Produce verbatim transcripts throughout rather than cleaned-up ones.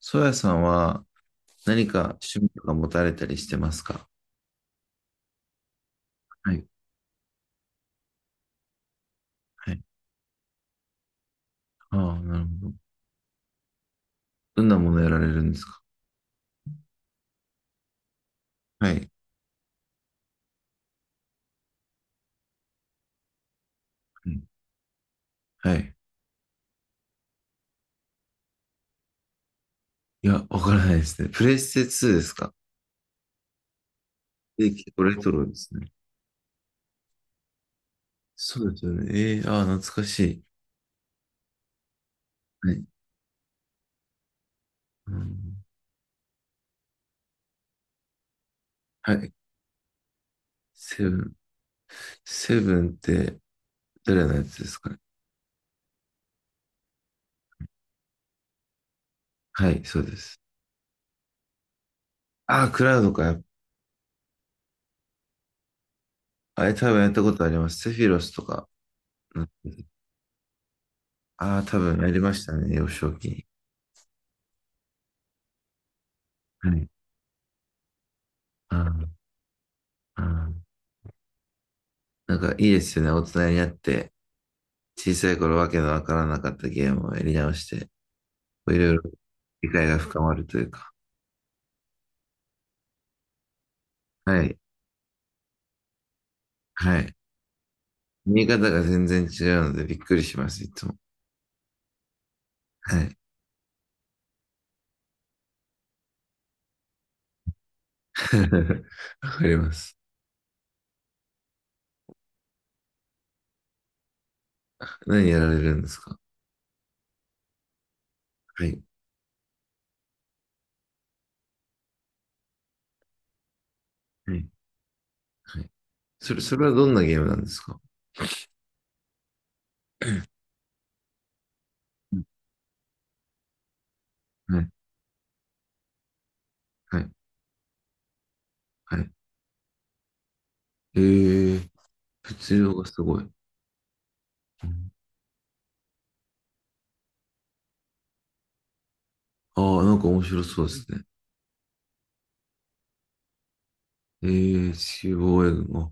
ソヤさんは何か趣味とか持たれたりしてますか？はい。はい。ああ、なるほど。どんなものやられるんですか？はい。はい。はい。いや、わからないですね。プレステツーですか？え、結構レトロですね。そうですよね。えー、ああ、懐かしい。はい。うん、はい。セブン。セブンって誰のやつですかね？はい、そうです。ああ、クラウドか。あれ多分やったことあります。セフィロスとか。ああ、多分やりましたね、幼少期に。はい。ああ、ああ、なんかいいですよね。大人になって、小さい頃わけのわからなかったゲームをやり直して、こう、いろいろ理解が深まるというか。はい。はい。見え方が全然違うのでびっくりします、いつも。はい。わかります。何やられるんですか？はい。はい。はい。それ、それはどんなゲームなんですか？はい。はい。はい。えー、物量がすごい。ああー、なんか面白そうですね。えー、中央英語。わ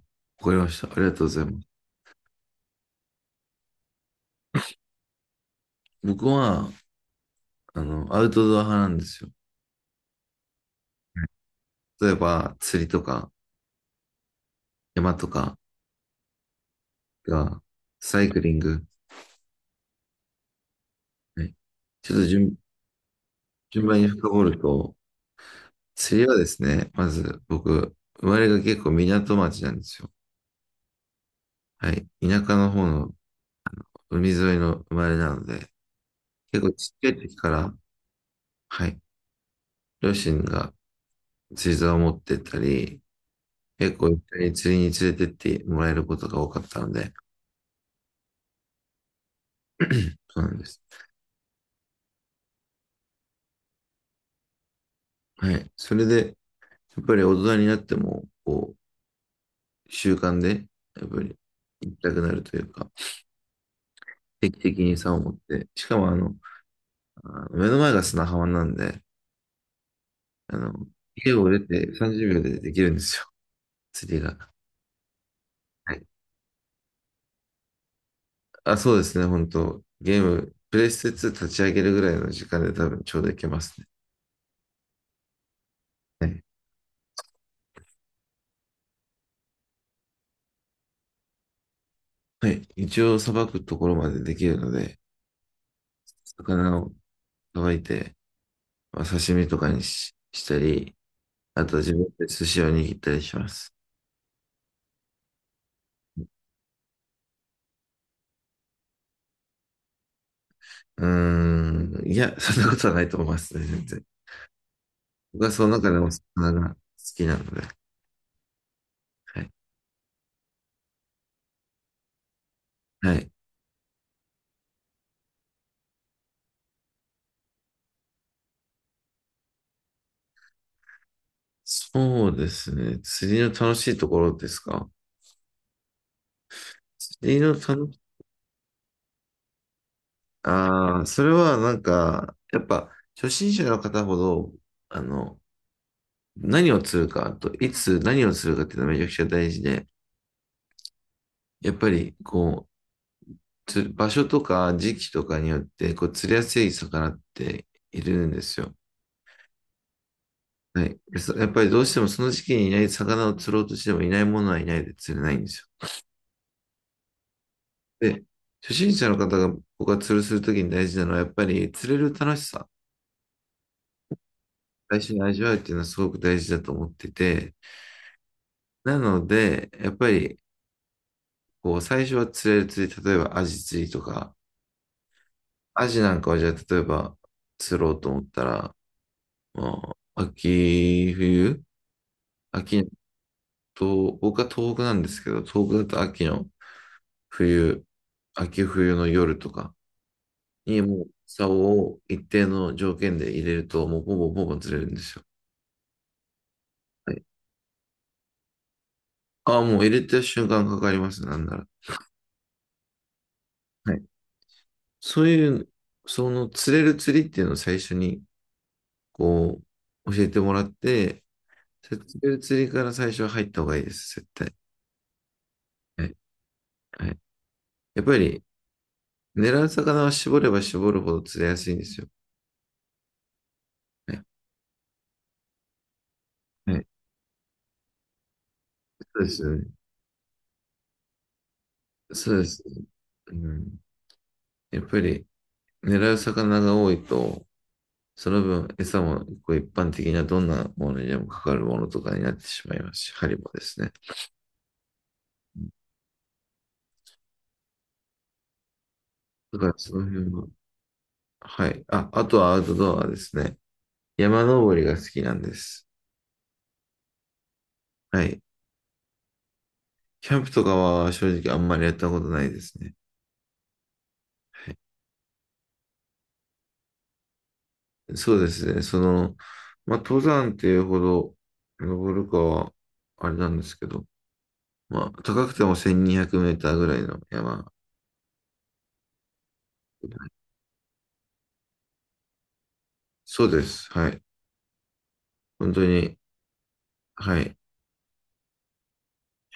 かりました。ありがとうございます。僕は、あの、アウトドア派なんですよ。はい。例えば、釣りとか、山とかが、サイクリング。はい。ちょっと順、順番に深掘ると、釣りはですね、まず僕、生まれが結構港町なんですよ。はい。田舎の方の海沿いの生まれなので、結構ちっちゃい時から、はい。両親が釣り竿を持ってったり、結構一緒に釣りに連れてってもらえることが多かったので、そうなんです。はい。それで、やっぱり大人になっても、こう、習慣で、やっぱり行きたくなるというか、定期的に竿を持って、しかもあの、あの目の前が砂浜なんで、あの、家を出てさんじゅうびょうでできるんですよ、釣りが。はい。あ、そうですね、本当、ゲーム、プレイステツー立ち上げるぐらいの時間で多分ちょうどいけますね。はい。はい。一応、さばくところまでできるので、魚をさばいて、まあ刺身とかにし、したり、あと自分で寿司を握ったりします。うーん。いや、そんなことはないと思いますね、全然。僕はその中でも魚が好きなので。はい。はい。そうですね。釣りの楽しいところですか？釣りの楽し、ああ、それはなんか、やっぱ、初心者の方ほど、あの、何を釣るかと、いつ何を釣るかっていうのはめちゃくちゃ大事で、やっぱり、こう、釣場所とか時期とかによって、こう、釣りやすい魚っているんですよ。はい。そやっぱりどうしてもその時期にいない魚を釣ろうとしてもいないものはいないで釣れないんですよ。で、初心者の方が僕が釣るするときに大事なのはやっぱり釣れる楽しさ、最初に味わうっていうのはすごく大事だと思ってて、なので、やっぱりこう最初は釣れる釣り、例えばアジ釣りとか、アジなんかはじゃあ例えば釣ろうと思ったら、まあ、秋冬、秋と、僕は東北なんですけど、東北だと秋の冬、秋冬の夜とか、にもう竿を一定の条件で入れると、もうボボボボずれるんですよ。はい。ああ、もう入れた瞬間かかりますね、なんなら。はい。そういう、その釣れる釣りっていうのを最初に、こう、教えてもらって、釣れる釣りから最初は入った方がいいです、絶対。はい。はい。やっぱり、狙う魚は絞れば絞るほど釣れやすいんですよ。はい。はい。そうですよね。そうです。うん。やっぱり、狙う魚が多いと、その分、餌もこう一般的などんなものにでもかかるものとかになってしまいますし、針もですね。だからその辺は、はい。あ、あとはアウトドアですね。山登りが好きなんです。はい。キャンプとかは正直あんまりやったことないですね。はい。そうですね。その、まあ、登山っていうほど登るかは、あれなんですけど、まあ、高くてもせんにひゃくメーターぐらいの山。そうです。はい。本当に、はい。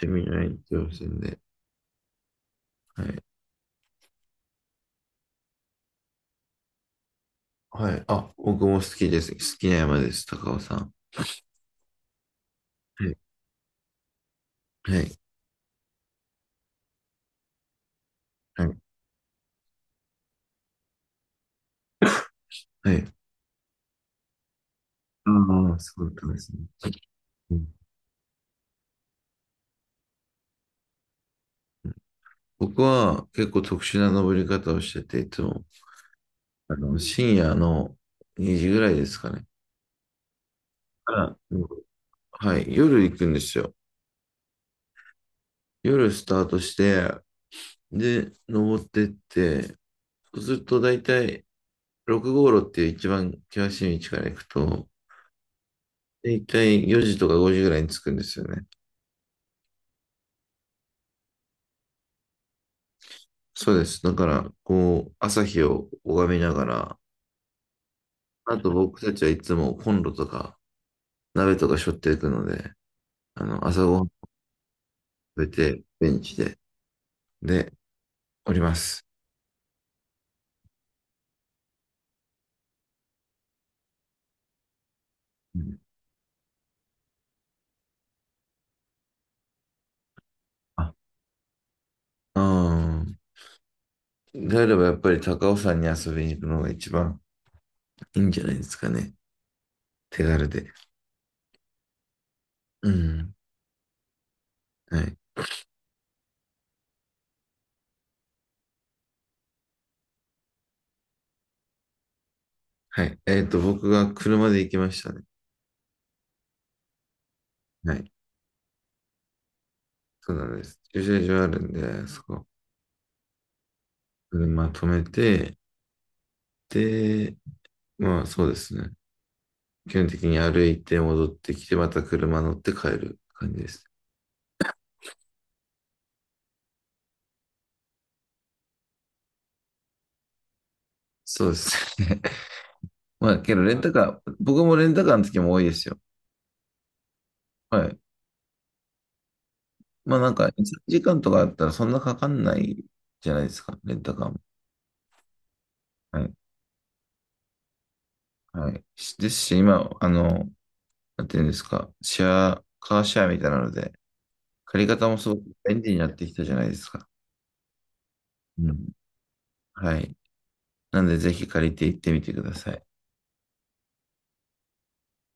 セミナー行ってませんで、はい。はい。あ、僕も好きです。好きな山です、高尾さん。はい。はい。はい。はい。ああ、そうだったんですね。うん、僕は結構特殊な登り方をしてて、いつも、あの、深夜のにじぐらいですかね。から、うん、はい。夜行くんですよ。夜スタートして、で、登ってって、そうすると大体ろくごうろ号路っていう一番険しい道から行くと、大体よじとかごじぐらいに着くんですよね。そうです。だから、こう、朝日を拝みながら、あと僕たちはいつもコンロとか鍋とか背負っていくので、あの、朝ごはん食べて、ベンチで、で、おります。うん、あ、うん。であればやっぱり高尾山に遊びに行くのが一番いいんじゃないですかね。手軽で。うん。はい。はい。えっと、僕が車で行きましたね。はい。そうなんです。駐車場あるんで、そこ、車止めて、で、まあそうですね。基本的に歩いて戻ってきて、また車乗って帰る感じです。そうですね。まあ、けどレンタカー、僕もレンタカーの時も多いですよ。はい。まあなんか、いち、さんじかんとかあったらそんなかかんないじゃないですか、レンタカーも。はい。はい。しですし、今、あの、なんていうんですか、シェア、カーシェアみたいなので、借り方もすごく便利になってきたじゃないですか。うん。はい。なんで、ぜひ借りて行ってみてください。